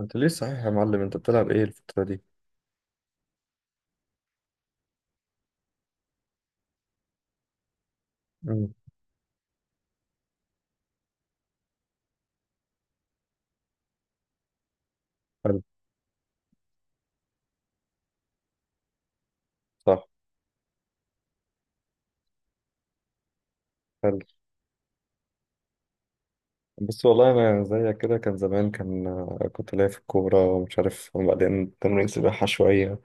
انت ليه صحيح يا معلم، انت بتلعب ايه الفترة دي؟ امم حلو. صح. حلو. بس والله انا زيك كده، كان زمان كان كنت ليا في الكورة ومش عارف، وبعدين تمرين سباحة شوية،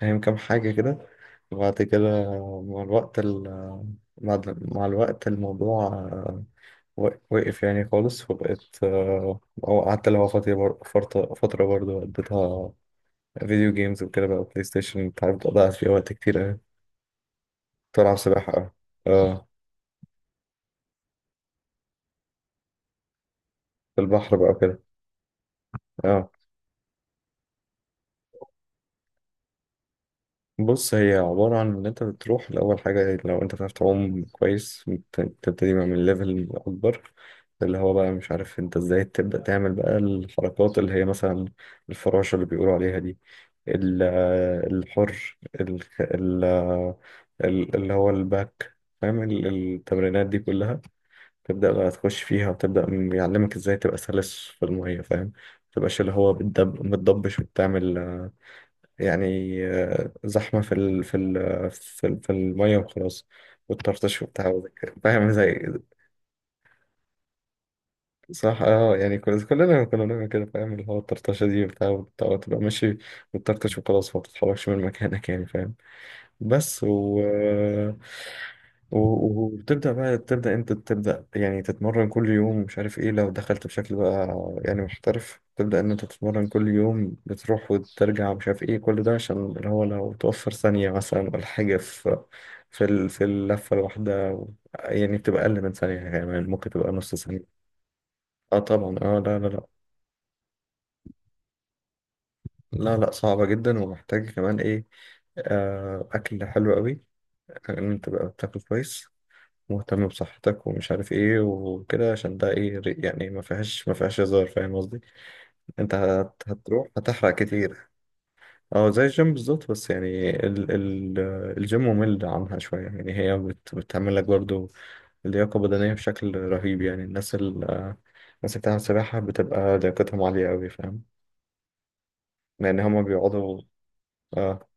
فاهم، كام حاجة كده. وبعد كده مع الوقت مع الوقت الموضوع وقف يعني خالص. وبقيت او قعدت اللي هو فترة فترة برضه قضيتها فيديو جيمز وكده، بقى بلاي ستيشن انت عارف، ضيعت فيها وقت كتير أوي. كنت بلعب سباحة أوي. اه. في البحر بقى وكده. اه. بص هي عبارة عن إن أنت بتروح لأول حاجة، لو أنت بتعرف تعوم كويس بتبتدي بقى من ليفل أكبر، اللي هو بقى مش عارف أنت إزاي تبدأ تعمل بقى الحركات اللي هي مثلا الفراشة اللي بيقولوا عليها دي، ال- الحر اللي هو الباك، فاهم، التمرينات دي كلها، تبدأ بقى تخش فيها وتبدأ يعلمك إزاي تبقى سلس في المية، فاهم، متبقاش اللي هو بتدب متضبش وبتعمل يعني زحمة في المية وخلاص، والطرطش وبتاع وزي كده. فاهم زي. صح اه، يعني كلنا كنا بنعمل كده، فاهم، اللي هو الطرطشة دي وبتاع وتبقى ماشي وتطرطش وخلاص، ما بتتحركش من مكانك يعني، فاهم. بس و... و... وبتبدأ بقى، تبدأ انت يعني تتمرن كل يوم، مش عارف ايه، لو دخلت بشكل بقى يعني محترف، تبدأ ان انت تتمرن كل يوم، بتروح وترجع مش عارف ايه، كل ده عشان اللي هو لو توفر ثانية مثلا ولا حاجة في اللفة الواحدة، يعني بتبقى أقل من ثانية، كمان ممكن تبقى نص ثانية. اه طبعا، اه، لا لا لا. لا لا، صعبة جدا ومحتاج كمان ايه، أكل حلو قوي، إن أنت تبقى بتاكل كويس، مهتم بصحتك ومش عارف ايه وكده، عشان ده ايه يعني، ما فيهاش ما فيهاش هزار، فاهم قصدي، انت هتروح هتحرق كتير. اه زي الجيم بالظبط، بس يعني ال الجيم ممل عنها شوية، يعني هي بتعمل لك برضو لياقة بدنية بشكل رهيب. يعني الناس الناس اللي بتعمل سباحة بتبقى لياقتهم عالية أوي، فاهم، لأن هما بيقعدوا. اه،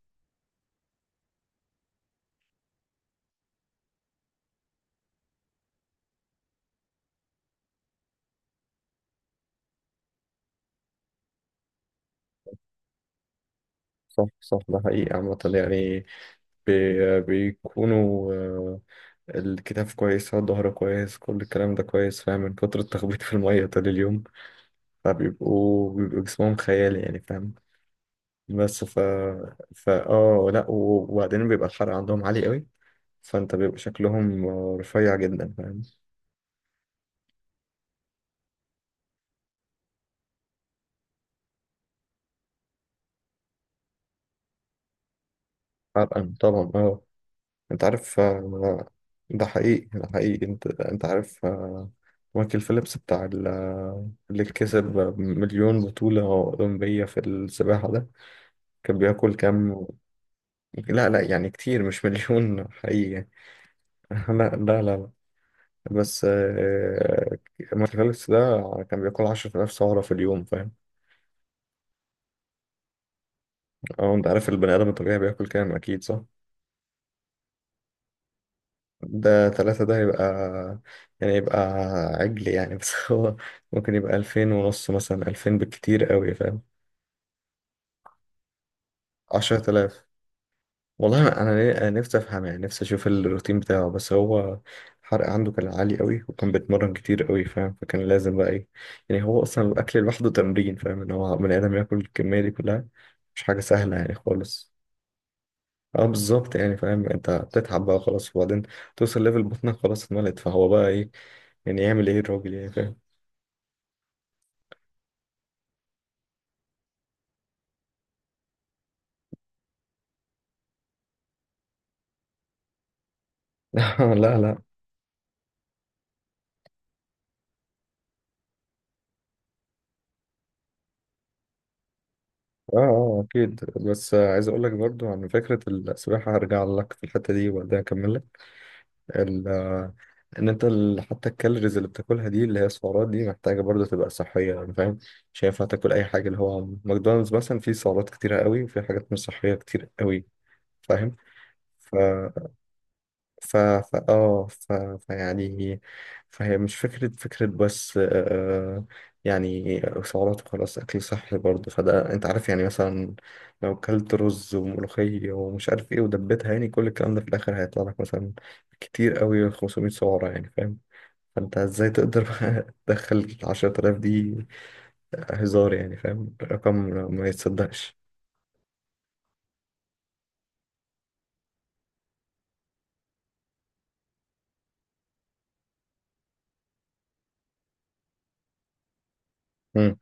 صح صح، ده حقيقي عامة يعني، بيكونوا الكتاف كويس، الظهر كويس، كل الكلام ده كويس، فاهم، من كتر التخبيط في المية طول اليوم، بيبقوا جسمهم خيالي يعني، فاهم. بس ف فا اه لا، وبعدين بيبقى الحرق عندهم عالي قوي، فانت بيبقى شكلهم رفيع جدا، فاهم. حرقا طبعا اه. انت عارف ده حقيقي، ده حقيقي، انت عارف مايكل فيليبس بتاع اللي كسب مليون بطولة أولمبية في السباحة ده، كان بياكل كام. لا لا، يعني كتير مش مليون حقيقي يعني. لا لا لا لا. بس مارتينيليس ده كان بياكل 10,000 سعرة في اليوم، فاهم. اه انت عارف البني آدم الطبيعي بياكل كام، أكيد صح. ده تلاتة ده يبقى يعني يبقى عجل يعني. بس هو ممكن يبقى 2,500 مثلا، 2,000 بالكتير قوي، فاهم. 10,000. والله انا، أنا نفسي افهم يعني، نفسي اشوف الروتين بتاعه، بس هو الحرق عنده كان عالي قوي، وكان بيتمرن كتير قوي، فاهم، فكان لازم بقى ايه. يعني هو اصلا الاكل لوحده تمرين، فاهم، ان هو بني ادم ياكل الكميه دي كلها، مش حاجه سهله يعني خالص. اه بالظبط يعني، فاهم، انت بتتعب بقى خلاص، وبعدين توصل ليفل بطنك خلاص اتملت، فهو بقى ايه يعني، يعمل ايه الراجل يعني، فاهم. لا لا. اه اه اكيد، بس عايز اقول لك برضو عن فكره السباحه، هرجع لك في الحته دي وبعدين اكمل. ال ان انت حتى الكالوريز اللي بتاكلها دي، اللي هي السعرات دي، محتاجه برضه تبقى صحيه يعني، فاهم. مش هينفع تاكل اي حاجه، اللي هو ماكدونالدز مثلا فيه سعرات كتيره قوي، وفيه حاجات مش صحيه كتير قوي، فاهم. ف ف اه ف... فيعني، فهي مش فكرة بس آه، يعني سعرات وخلاص، أكل صحي برضه، فده أنت عارف يعني مثلا لو كلت رز وملوخية ومش عارف إيه ودبيتها، يعني كل الكلام ده في الآخر هيطلع لك مثلا كتير قوي 500 سعرة، يعني فاهم. فأنت إزاي تقدر بقى تدخل 10,000 دي، هزار يعني، فاهم، رقم ما يتصدقش. مم.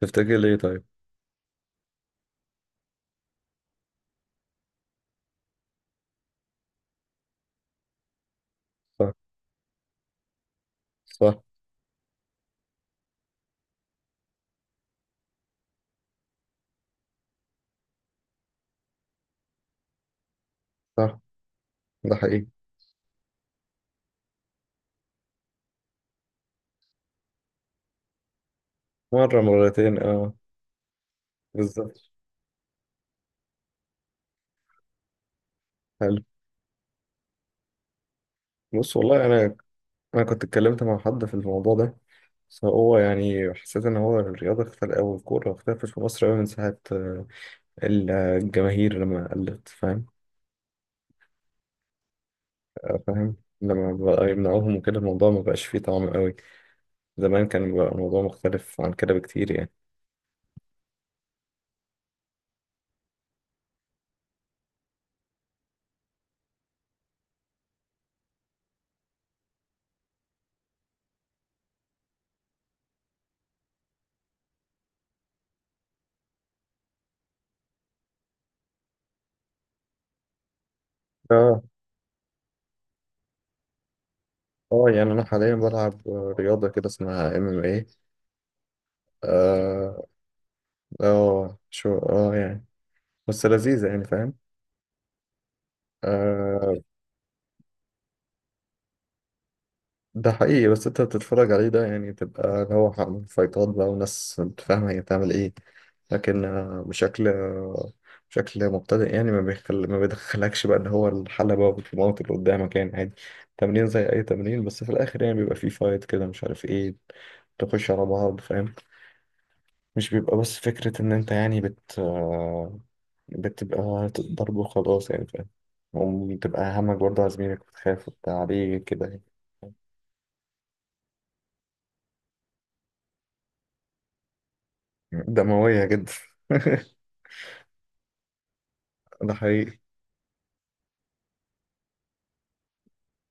تفتكر ليه طيب؟ صح. صح. صح ده حقيقي. مرة مرتين اه. بالظبط. حلو. بص والله انا، انا كنت اتكلمت مع حد في الموضوع ده، بس هو يعني حسيت ان هو الرياضه اختل، او الكوره اختلفت في مصر قوي من ساعه الجماهير لما قلت، فاهم. فاهم. لما بقى يمنعوهم وكده الموضوع ما بقاش فيه طعم قوي، زمان كان بقى الموضوع مختلف عن كده بكتير يعني. اه. اه يعني انا حاليا بلعب رياضه كده اسمها ام ام ايه. اه. شو اه يعني، بس لذيذه يعني، فاهم. ده حقيقي، بس انت بتتفرج عليه ده يعني، تبقى اللي هو فايتات بقى وناس انت فاهمة هي بتعمل ايه، لكن بشكل بشكل مبتدئ يعني، ما بيدخلكش بقى اللي هو الحلبة والموت اللي قدامك يعني، عادي تمرين زي أي تمرين، بس في الآخر يعني بيبقى فيه فايت كده مش عارف ايه، تخش على بعض فاهم. مش بيبقى بس فكرة إن أنت يعني بت آه، بتبقى ضرب وخلاص يعني، فاهم، وبتبقى همك برضه على زميلك، وتخاف وبتاع عليه كده يعني. دموية جدا. ده حقيقي.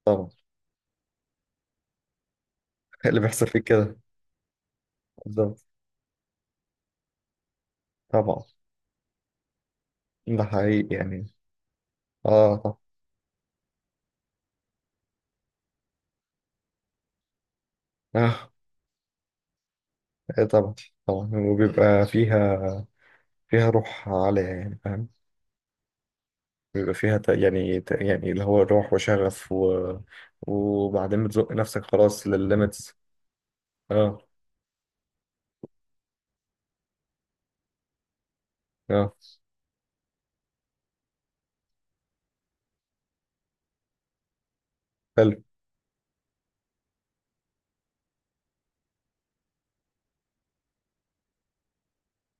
طبعا. إيه اللي بيحصل فيك كده. بالظبط. طبعا ده حقيقي يعني. اه طبعا اه. إيه طبعا. طبعا، وبيبقى فيها، فيها روح عالية يعني، فاهم. بيبقى فيها يعني اللي هو روح وشغف وبعدين بتزق نفسك خلاص للليميتس. اه. اه. حلو.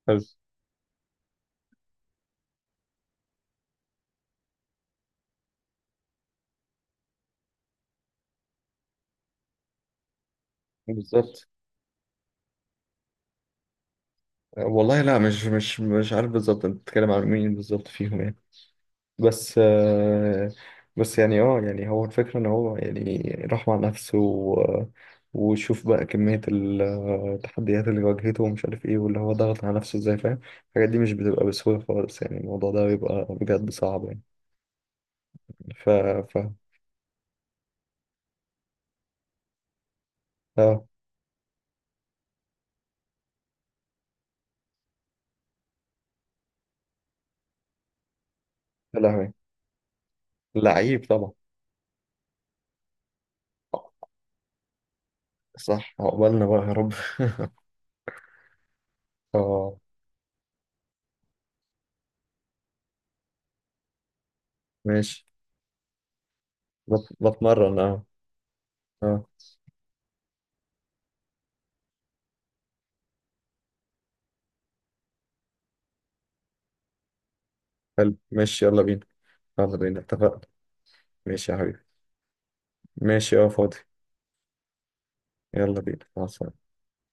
حلو. بالظبط. والله لا، مش مش مش عارف بالظبط انت بتتكلم عن مين بالظبط فيهم يعني. بس بس يعني اه، يعني هو الفكرة ان هو يعني راح مع نفسه وشوف بقى كمية التحديات اللي واجهته ومش عارف ايه، واللي هو ضغط على نفسه ازاي، فاهم. الحاجات دي مش بتبقى بسهولة خالص يعني، الموضوع ده بيبقى بجد صعب يعني. ف ف اه يا لهوي. لعيب طبعا. صح عقبالنا بقى يا رب. اه. ماشي. بتمرن اه. اه. حلو ماشي يلا بينا، يلا بينا اتفقنا. ماشي يا حبيبي. ماشي اه فاضي. يلا بينا، مع السلامة.